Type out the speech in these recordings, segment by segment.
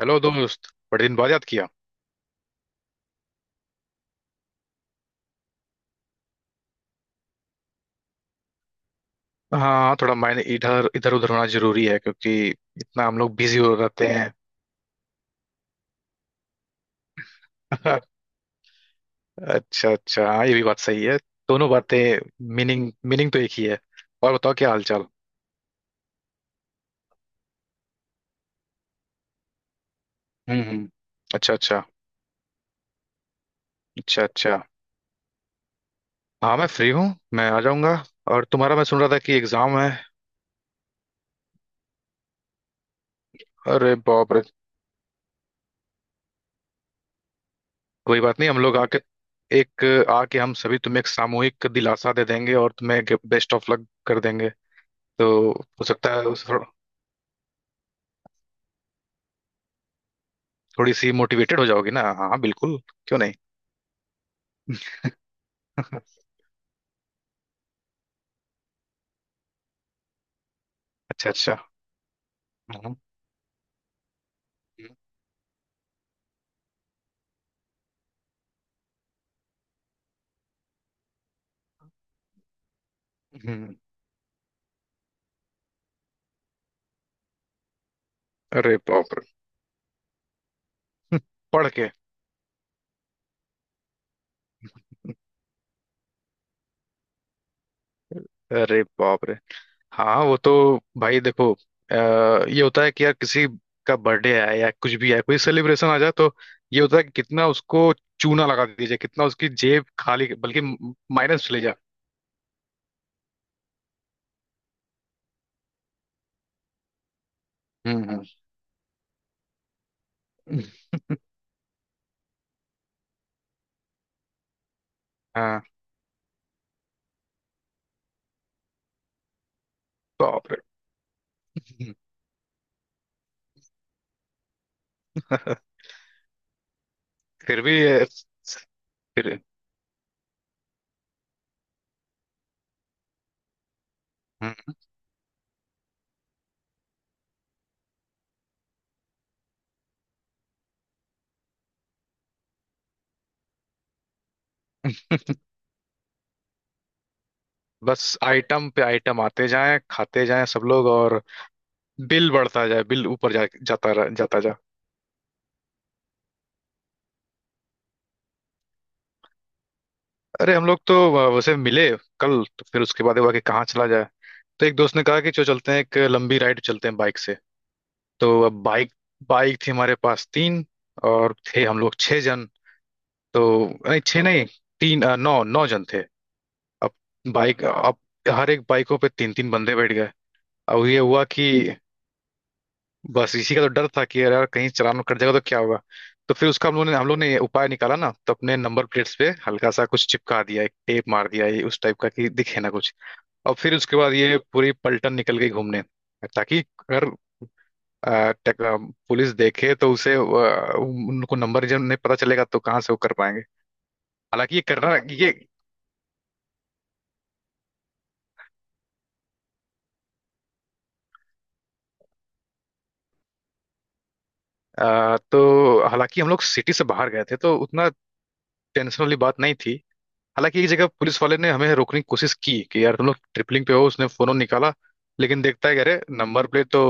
Hello दोस्त। बड़े दिन बाद याद किया। हाँ, थोड़ा मायने इधर इधर उधर होना जरूरी है क्योंकि इतना हम लोग बिजी हो रहते हैं। अच्छा अच्छा, हाँ ये भी बात सही है, दोनों बातें। मीनिंग मीनिंग तो एक ही है। और बताओ क्या हाल चाल। हम्म हम्म। अच्छा अच्छा। अच्छा अच्छा, हाँ मैं फ्री हूँ। मैं आ जाऊंगा। और तुम्हारा मैं सुन रहा था कि एग्जाम है। अरे बाप रे। कोई बात नहीं, हम लोग आके एक आके हम सभी तुम्हें एक सामूहिक दिलासा दे देंगे और तुम्हें बेस्ट ऑफ लक कर देंगे। तो हो सकता है उस- थोड़ी सी मोटिवेटेड हो जाओगी ना। हाँ बिल्कुल, क्यों नहीं। अच्छा अच्छा। हम्म, हम्म, अरे बाप रे। पढ़ के अरे बाप रे। हाँ वो तो, भाई देखो, ये होता है कि यार किसी का बर्थडे आया या कुछ भी आया, कोई सेलिब्रेशन आ जाए तो ये होता है कि कितना उसको चूना लगा दिया जाए, कितना उसकी जेब खाली, बल्कि माइनस चले जाए। हम्म हम्म। हाँ, बाप रे। फिर भी ये- फिर हम्म, बस आइटम पे आइटम आते जाएं, खाते जाएं सब लोग, और बिल बढ़ता जाए, बिल ऊपर जा, जाता रह, जाता जा। अरे हम लोग तो उसे मिले। कल तो फिर उसके बाद हुआ कि कहाँ चला जाए। तो एक दोस्त ने कहा कि चलो चलते हैं, एक लंबी राइड चलते हैं बाइक से। तो अब बाइक बाइक थी हमारे पास तीन, और थे हम लोग छह जन। तो नहीं, छह नहीं, तीन नौ नौ जन थे। अब अब हर एक बाइकों पे तीन तीन बंदे बैठ गए। अब ये हुआ कि बस इसी का तो डर था कि यार यार कहीं चालान कट जाएगा तो क्या होगा। तो फिर उसका हम लोगों ने हम लोग ने उपाय निकाला ना, तो अपने नंबर प्लेट्स पे हल्का सा कुछ चिपका दिया, एक टेप मार दिया ये उस टाइप का कि दिखे ना कुछ। और फिर उसके बाद ये पूरी पलटन निकल गई घूमने। ताकि अगर अ, टेक- अ, पुलिस देखे तो उसे उनको नंबर जब नहीं पता चलेगा तो कहाँ से वो कर पाएंगे। हालांकि ये करना ये अ, तो हालांकि हम लोग सिटी से बाहर गए थे तो उतना टेंशन वाली बात नहीं थी। हालांकि एक जगह पुलिस वाले ने हमें रोकने की कोशिश की कि यार तुम लोग ट्रिपलिंग पे हो। उसने फोन निकाला लेकिन देखता है कि अरे नंबर प्लेट तो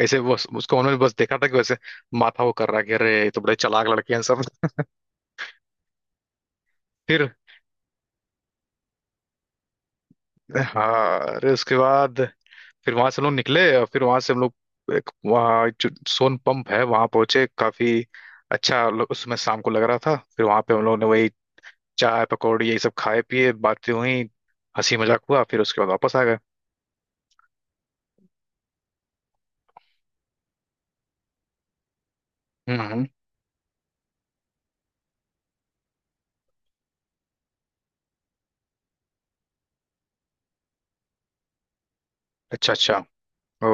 ऐसे बस, उसको उन्होंने बस देखा था कि वैसे माथा वो कर रहा है कि अरे ये तो बड़े चालाक लड़के हैं सब। फिर हाँ, अरे उसके बाद फिर वहां से हम लोग निकले, और फिर वहां से हम लोग एक वहाँ जो सोन पंप है वहां पहुंचे। काफी अच्छा उसमें शाम को लग रहा था। फिर वहां पे हम लोगों ने वही चाय पकौड़ी यही सब खाए पिए, बातें हुई, हंसी मजाक हुआ, फिर उसके बाद वापस आ गए। हम्म हम्म। अच्छा अच्छा। ओ।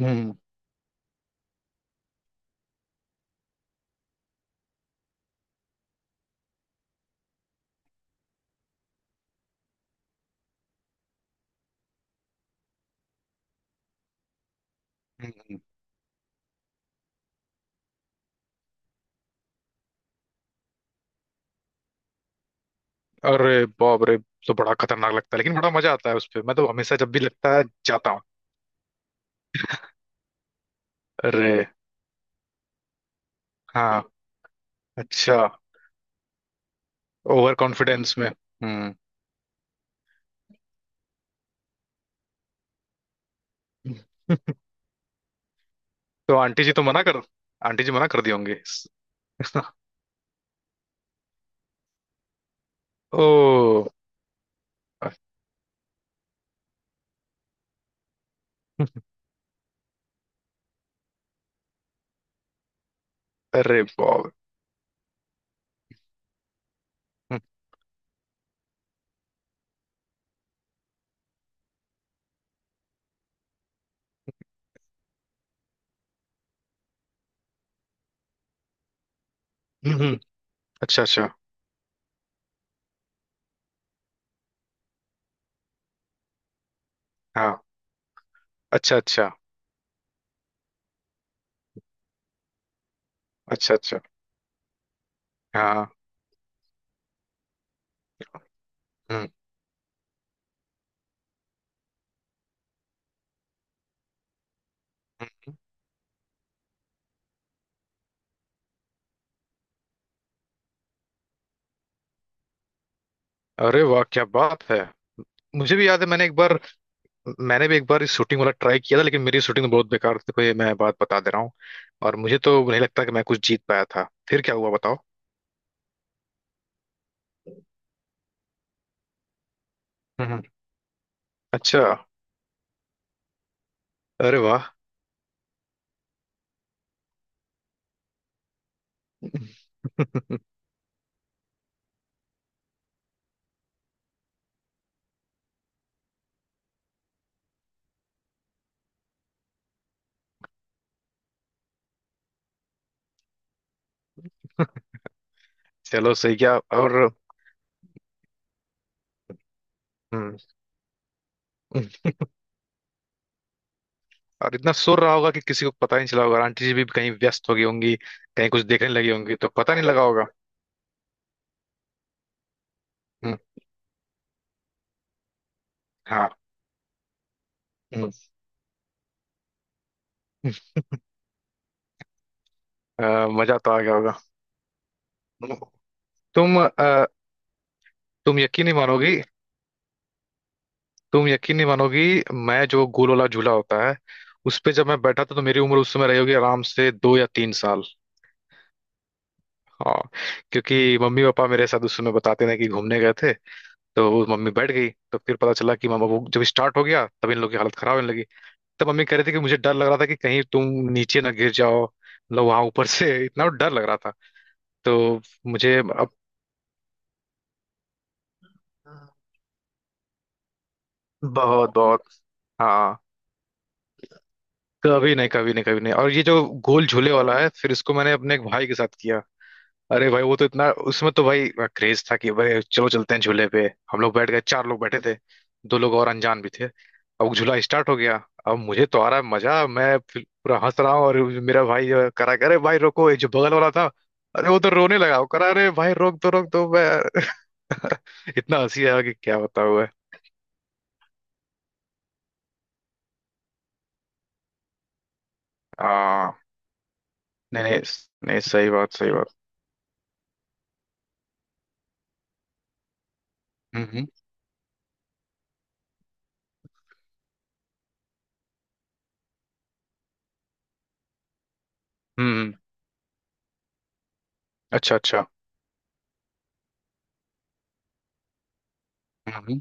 हम्म हम्म। अरे बाप रे, तो बड़ा खतरनाक लगता है लेकिन बड़ा मजा आता है उस पे। मैं तो हमेशा, जब भी लगता है, जाता हूँ। अरे, हाँ, अच्छा, ओवर कॉन्फिडेंस में। हम्म। तो आंटी जी तो मना कर आंटी जी मना कर दी होंगी। ओ, अरे बाप। हम्म, हम्म, हम्म। अच्छा अच्छा। हाँ। अच्छा अच्छा। अच्छा अच्छा। हाँ। हम्म, हम्म। अरे वाह, क्या बात है। मुझे भी याद है, मैंने भी एक बार इस शूटिंग वाला ट्राई किया था, लेकिन मेरी शूटिंग बहुत बेकार थी, कोई मैं बात बता दे रहा हूँ। और मुझे तो नहीं लगता कि मैं कुछ जीत पाया था। फिर क्या हुआ बताओ। हम्म। अच्छा। अरे वाह। चलो सही, क्या और। हम्म। और इतना शोर रहा होगा कि किसी को पता ही नहीं चला होगा, और आंटी जी भी कहीं व्यस्त हो गई होंगी, कहीं कुछ देखने लगी होंगी तो पता नहीं लगा होगा। हम्म, हाँ, हम्म, मजा तो आ गया होगा। तुम अ, तुम यकीन नहीं मानोगी तुम यकीन नहीं मानोगी। मैं जो गोल वाला झूला होता है उस पे जब मैं बैठा था, तो मेरी उम्र उस समय रही होगी आराम से 2 या 3 साल। हाँ, क्योंकि मम्मी पापा मेरे साथ उस समय बताते थे कि घूमने गए थे। तो वो मम्मी बैठ गई, तो फिर पता चला कि मामा, वो जब स्टार्ट हो गया तब इन लोग की हालत खराब होने लगी। तब मम्मी कह रही थी कि मुझे डर लग रहा था कि कहीं तुम नीचे ना गिर जाओ, मतलब वहां ऊपर से इतना डर लग रहा था। तो मुझे अब बहुत बहुत। हाँ, कभी नहीं, कभी नहीं, कभी नहीं। और ये जो गोल झूले वाला है, फिर इसको मैंने अपने एक भाई के साथ किया। अरे भाई, वो तो इतना, उसमें तो भाई क्रेज था कि भाई चलो चलते हैं झूले पे। हम लोग बैठ गए, चार लोग बैठे थे, दो लोग और अनजान भी थे। अब झूला स्टार्ट हो गया, अब मुझे तो आ रहा है मजा, मैं फिर पूरा हंस रहा हूँ, और मेरा भाई जो है, करा कि, अरे भाई रोको। ये जो बगल वाला था, अरे वो तो रोने लगा, वो करा अरे भाई रोक दो मैं। इतना हंसी आया कि क्या बताऊँ मैं। हाँ, नहीं नहीं नहीं, सही बात, सही बात। हम्म हम्म हम्म, अच्छा अच्छा। हम्म, हम्म।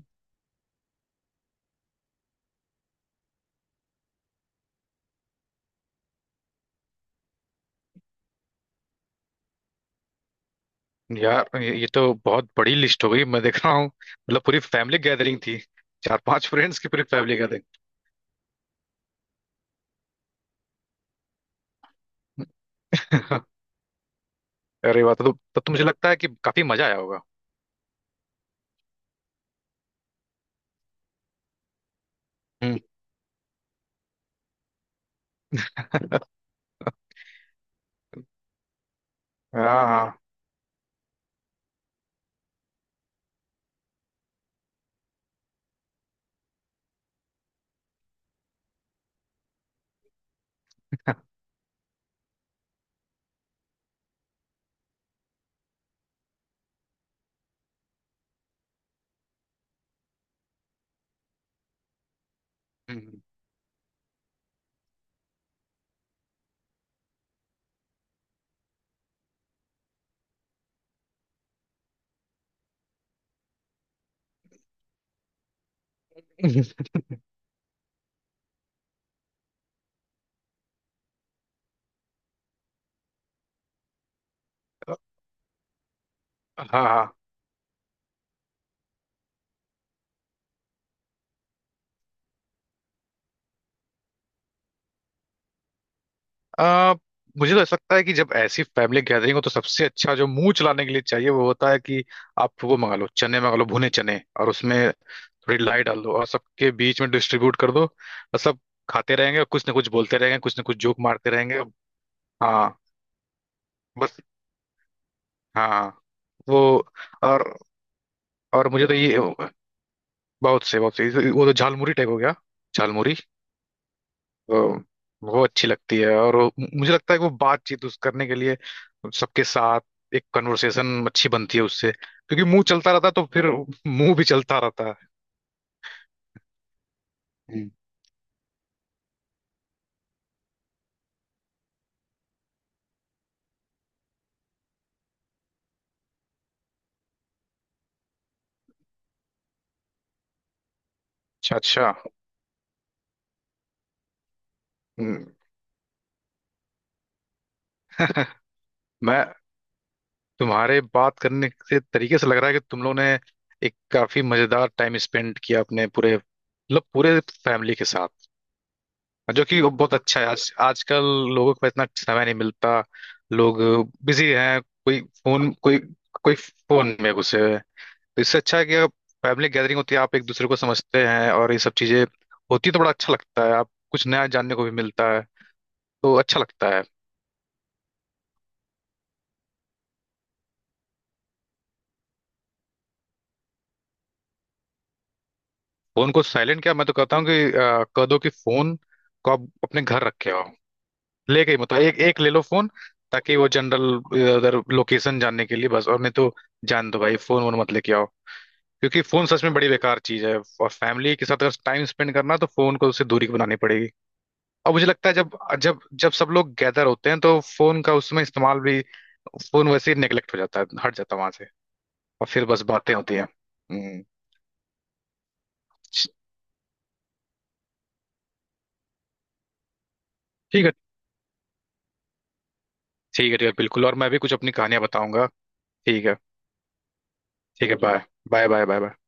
यार ये तो बहुत बड़ी लिस्ट हो गई, मैं देख रहा हूँ, मतलब पूरी फैमिली गैदरिंग थी। चार पांच फ्रेंड्स की पूरी फैमिली गैदरिंग। अरे, बात तो तब तो मुझे लगता है कि काफी मजा आया होगा। हम्म। हाँ हाँ। हम्म। हाँ हाँ। आ, मुझे तो ऐसा लगता है कि जब ऐसी फैमिली गैदरिंग हो तो सबसे अच्छा जो मुंह चलाने के लिए चाहिए वो होता है कि आप वो मंगा लो चने, मंगा लो भुने चने, और उसमें थोड़ी लाई डाल दो और सबके बीच में डिस्ट्रीब्यूट कर दो, और सब खाते रहेंगे और कुछ ना कुछ बोलते रहेंगे, कुछ ना कुछ जोक मारते रहेंगे। हाँ, बस। हाँ। वो। और और मुझे तो ये बहुत से वो तो झालमुरी टाइप हो गया। झालमुरी। वो वो अच्छी लगती है, और वो, मुझे लगता है कि वो बातचीत उस करने के लिए सबके साथ एक कन्वर्सेशन अच्छी बनती है उससे, क्योंकि मुंह चलता रहता है तो फिर मुंह भी चलता रहता है। हम्म। अच्छा अच्छा। हम्म। मैं, तुम्हारे बात करने से तरीके से लग रहा है कि तुम लोगों ने एक काफी मजेदार टाइम स्पेंड किया अपने पूरे, मतलब पूरे फैमिली के साथ। जो कि वो बहुत अच्छा है, आज आजकल लोगों को इतना समय नहीं मिलता। लोग बिजी हैं, कोई फोन, कोई, कोई फोन में घुसे हुए हैं। तो इससे अच्छा है कि आप, फैमिली गैदरिंग होती है, आप एक दूसरे को समझते हैं और ये सब चीजें होती है तो बड़ा अच्छा लगता है, आप कुछ नया जानने को भी मिलता है तो अच्छा लगता है। फोन को साइलेंट क्या, मैं तो कहता हूँ कि कह दो कि फोन को आप अपने घर रखे हो। लेके ही, मतलब एक एक ले लो फोन, ताकि वो जनरल इधर लोकेशन जानने के लिए बस, और नहीं तो जान दो भाई, फोन वोन मत लेके आओ। क्योंकि फोन सच में बड़ी बेकार चीज है, और फैमिली के साथ अगर टाइम स्पेंड करना है तो फोन को उससे दूरी बनानी पड़ेगी। और मुझे लगता है जब जब जब सब लोग गैदर होते हैं तो फोन का उसमें इस्तेमाल भी, फोन वैसे ही नेगलेक्ट हो जाता है, हट जाता है वहां से, और फिर बस बातें होती हैं। हम्म, ठीक है। ठीक है ठीक है, बिल्कुल, और मैं भी कुछ अपनी कहानियां बताऊंगा। ठीक है। ठीक है bye. Bye bye bye bye.